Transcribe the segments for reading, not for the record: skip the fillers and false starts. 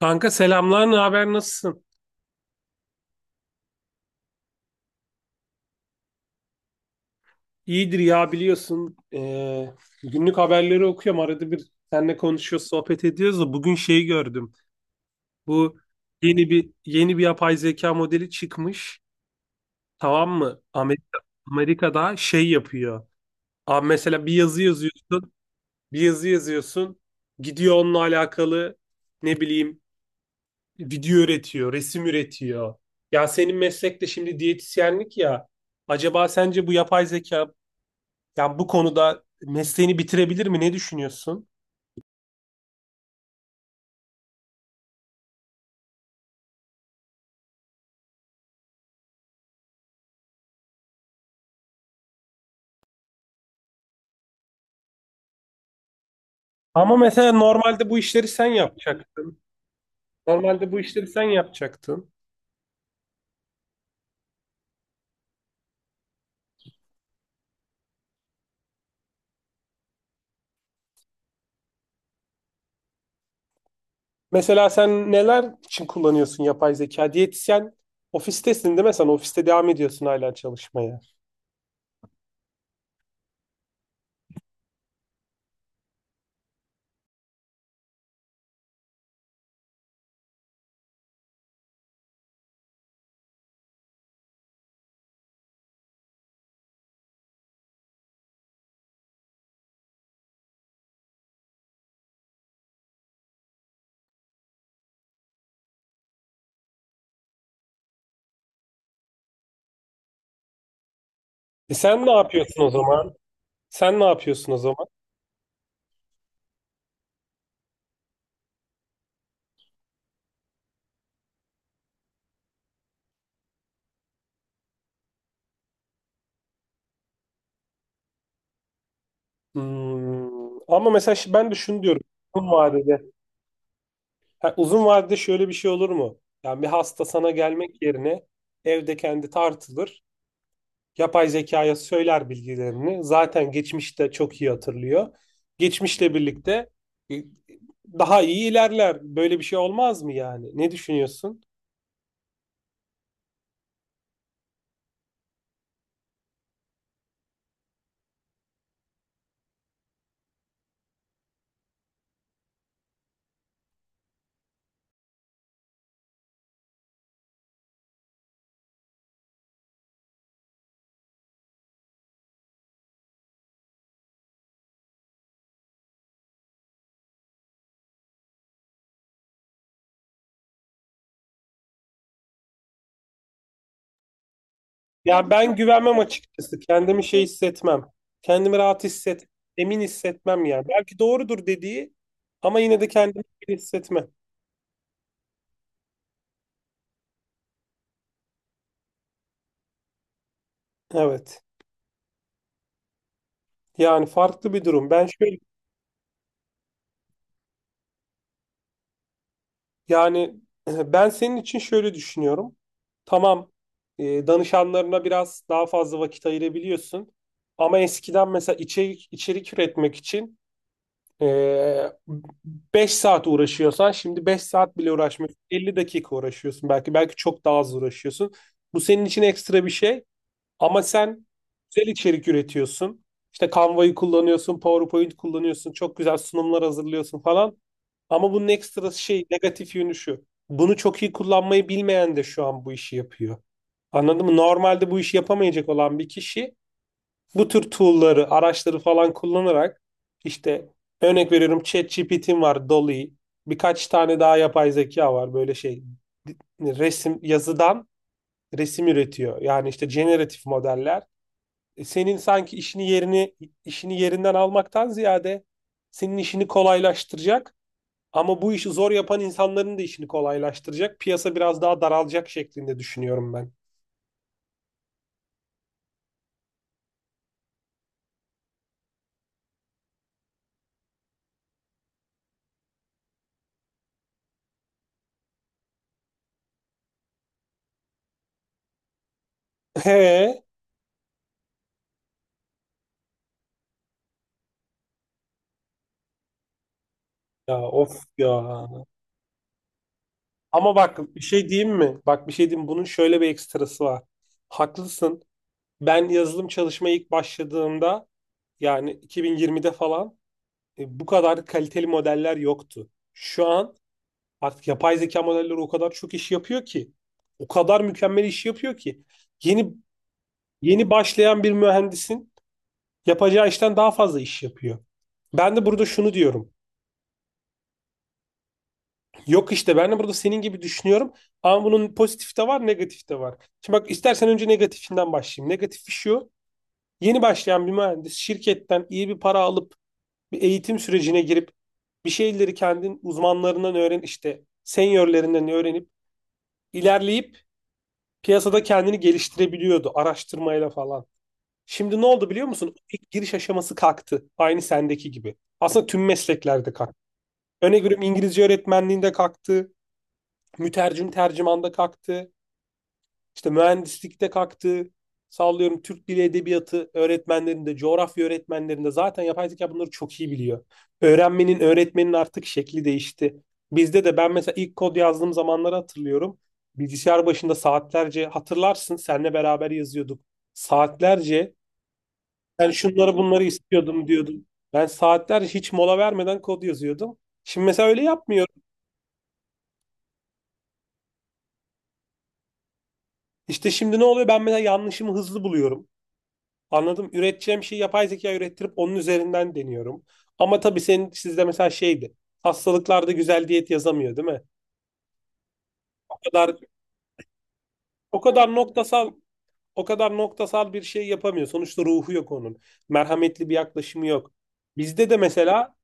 Kanka selamlar, ne haber, nasılsın? İyidir ya biliyorsun. Günlük haberleri okuyorum. Arada bir seninle konuşuyoruz, sohbet ediyoruz da bugün şeyi gördüm. Bu yeni bir yapay zeka modeli çıkmış. Tamam mı? Amerika'da şey yapıyor. Abi mesela bir yazı yazıyorsun. Gidiyor onunla alakalı ne bileyim video üretiyor, resim üretiyor. Ya senin meslek de şimdi diyetisyenlik ya. Acaba sence bu yapay zeka yani bu konuda mesleğini bitirebilir mi? Ne düşünüyorsun? Ama mesela normalde bu işleri sen yapacaktın. Normalde bu işleri sen yapacaktın. Mesela sen neler için kullanıyorsun yapay zeka? Diyetisyen ofistesin değil mi? Sen ofiste devam ediyorsun hala çalışmaya. E sen ne yapıyorsun o zaman? Sen ne yapıyorsun o zaman? Ama mesela ben de şunu diyorum. Uzun vadede. Ha, uzun vadede şöyle bir şey olur mu? Yani bir hasta sana gelmek yerine evde kendi tartılır. Yapay zekaya söyler bilgilerini. Zaten geçmişte çok iyi hatırlıyor. Geçmişle birlikte e, daha iyi ilerler. Böyle bir şey olmaz mı yani? Ne düşünüyorsun? Ya ben güvenmem açıkçası. Kendimi şey hissetmem. Kendimi emin hissetmem yani. Belki doğrudur dediği ama yine de kendimi emin hissetmem. Evet. Yani farklı bir durum. Ben şöyle Yani ben senin için şöyle düşünüyorum. Tamam, danışanlarına biraz daha fazla vakit ayırabiliyorsun. Ama eskiden mesela içerik üretmek için 5 saat uğraşıyorsan şimdi 5 saat bile uğraşmıyorsun. 50 dakika uğraşıyorsun belki. Belki çok daha az uğraşıyorsun. Bu senin için ekstra bir şey. Ama sen güzel içerik üretiyorsun. İşte Canva'yı kullanıyorsun, PowerPoint kullanıyorsun, çok güzel sunumlar hazırlıyorsun falan. Ama bunun ekstra şey, negatif yönü şu. Bunu çok iyi kullanmayı bilmeyen de şu an bu işi yapıyor. Anladın mı? Normalde bu işi yapamayacak olan bir kişi bu tür tool'ları, araçları falan kullanarak işte örnek veriyorum ChatGPT'im var, Dolly, birkaç tane daha yapay zeka var böyle şey resim yazıdan resim üretiyor. Yani işte generatif modeller. Senin sanki işini yerinden almaktan ziyade senin işini kolaylaştıracak ama bu işi zor yapan insanların da işini kolaylaştıracak. Piyasa biraz daha daralacak şeklinde düşünüyorum ben. He ya of ya. Ama bak bir şey diyeyim mi? Bak bir şey diyeyim. Bunun şöyle bir ekstrası var. Haklısın. Ben yazılım çalışmaya ilk başladığımda yani 2020'de falan bu kadar kaliteli modeller yoktu. Şu an artık yapay zeka modelleri o kadar çok iş yapıyor ki, o kadar mükemmel iş yapıyor ki yeni yeni başlayan bir mühendisin yapacağı işten daha fazla iş yapıyor. Ben de burada şunu diyorum. Yok işte ben de burada senin gibi düşünüyorum ama bunun pozitif de var, negatif de var. Şimdi bak istersen önce negatifinden başlayayım. Negatifi şu. Yeni başlayan bir mühendis şirketten iyi bir para alıp bir eğitim sürecine girip bir şeyleri kendin uzmanlarından öğren işte seniorlerinden öğrenip ilerleyip piyasada kendini geliştirebiliyordu araştırmayla falan. Şimdi ne oldu biliyor musun? İlk giriş aşaması kalktı. Aynı sendeki gibi. Aslında tüm mesleklerde kalktı. Örnek veriyorum İngilizce öğretmenliğinde kalktı. Mütercim tercümanda kalktı. İşte mühendislikte kalktı. Sallıyorum Türk Dili Edebiyatı öğretmenlerinde, coğrafya öğretmenlerinde zaten yapay zeka bunları çok iyi biliyor. Öğrenmenin, öğretmenin artık şekli değişti. Bizde de ben mesela ilk kod yazdığım zamanları hatırlıyorum. Bilgisayar başında saatlerce hatırlarsın seninle beraber yazıyorduk. Saatlerce ben şunları bunları istiyordum diyordum. Ben saatlerce hiç mola vermeden kod yazıyordum. Şimdi mesela öyle yapmıyorum. İşte şimdi ne oluyor? Ben mesela yanlışımı hızlı buluyorum. Anladım. Üreteceğim şeyi yapay zeka ürettirip onun üzerinden deniyorum. Ama tabii sizde mesela şeydi. Hastalıklarda güzel diyet yazamıyor, değil mi? O kadar o kadar noktasal o kadar noktasal bir şey yapamıyor. Sonuçta ruhu yok onun. Merhametli bir yaklaşımı yok. Bizde de mesela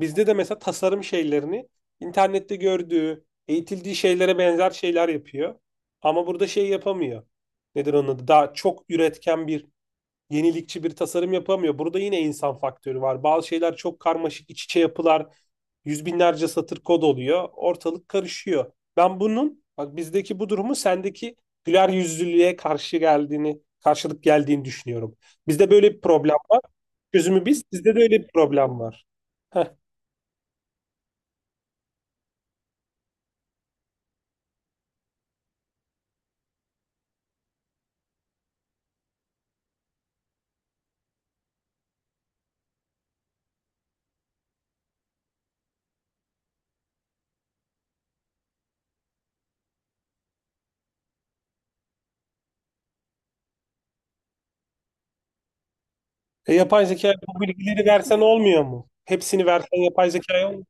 bizde de mesela tasarım şeylerini internette gördüğü, eğitildiği şeylere benzer şeyler yapıyor. Ama burada şey yapamıyor. Nedir onun adı? Daha çok üretken bir yenilikçi bir tasarım yapamıyor. Burada yine insan faktörü var. Bazı şeyler çok karmaşık, iç içe yapılar, yüz binlerce satır kod oluyor. Ortalık karışıyor. Ben bunun, bak bizdeki bu durumu sendeki güler yüzlülüğe karşı geldiğini, karşılık geldiğini düşünüyorum. Bizde böyle bir problem var. Çözümü biz, sizde de öyle bir problem var. Heh. Yapay zeka bu bilgileri versen olmuyor mu? Hepsini versen yapay zekaya olmuyor.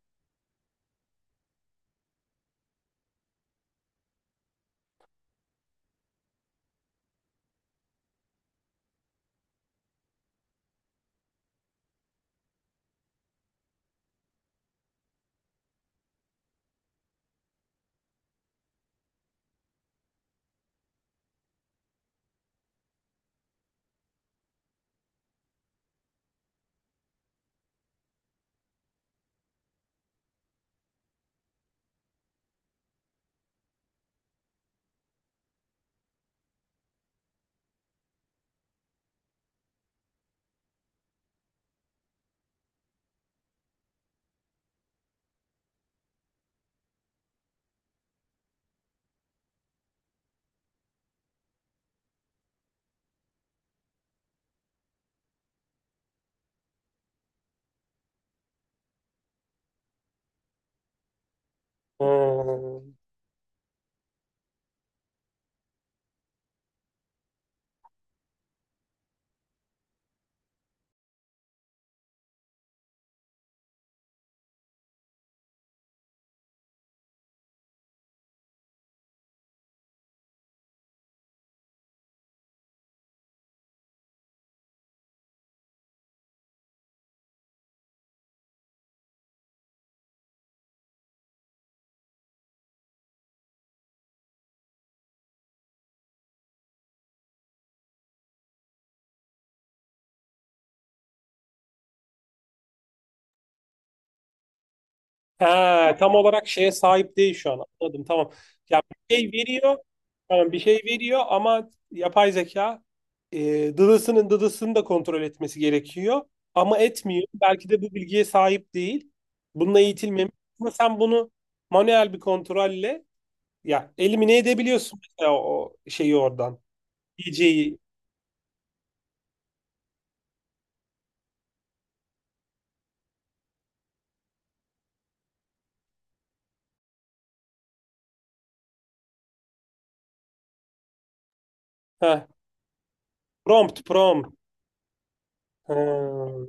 Hmm. Ha, tam olarak şeye sahip değil şu an. Anladım tamam. Ya bir şey veriyor. Tamam bir şey veriyor ama yapay zeka dıdısının dıdısını da kontrol etmesi gerekiyor. Ama etmiyor. Belki de bu bilgiye sahip değil. Bununla eğitilmemiş. Ama sen bunu manuel bir kontrolle ya elimine edebiliyorsun mesela o şeyi oradan. DJ'yi. Heh. Prompt prompt. Ha.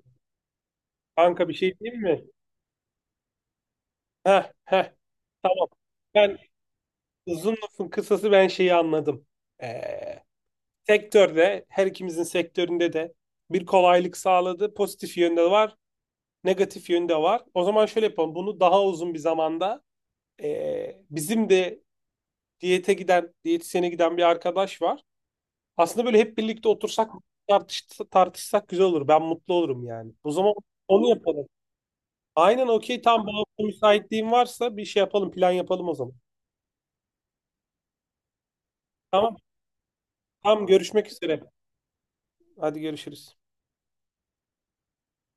Kanka bir şey diyeyim mi? Heh, heh. Tamam. Ben Uzun lafın kısası ben şeyi anladım. Ee, sektörde, her ikimizin sektöründe de bir kolaylık sağladı. Pozitif yönde var, negatif yönde var. O zaman şöyle yapalım. Bunu daha uzun bir zamanda bizim de diyetisyene giden bir arkadaş var. Aslında böyle hep birlikte otursak, tartış, tartışsak güzel olur. Ben mutlu olurum yani. O zaman onu yapalım. Aynen okey. Tam bu hafta müsaitliğin varsa bir şey yapalım, plan yapalım o zaman. Tamam. Tam görüşmek üzere. Hadi görüşürüz.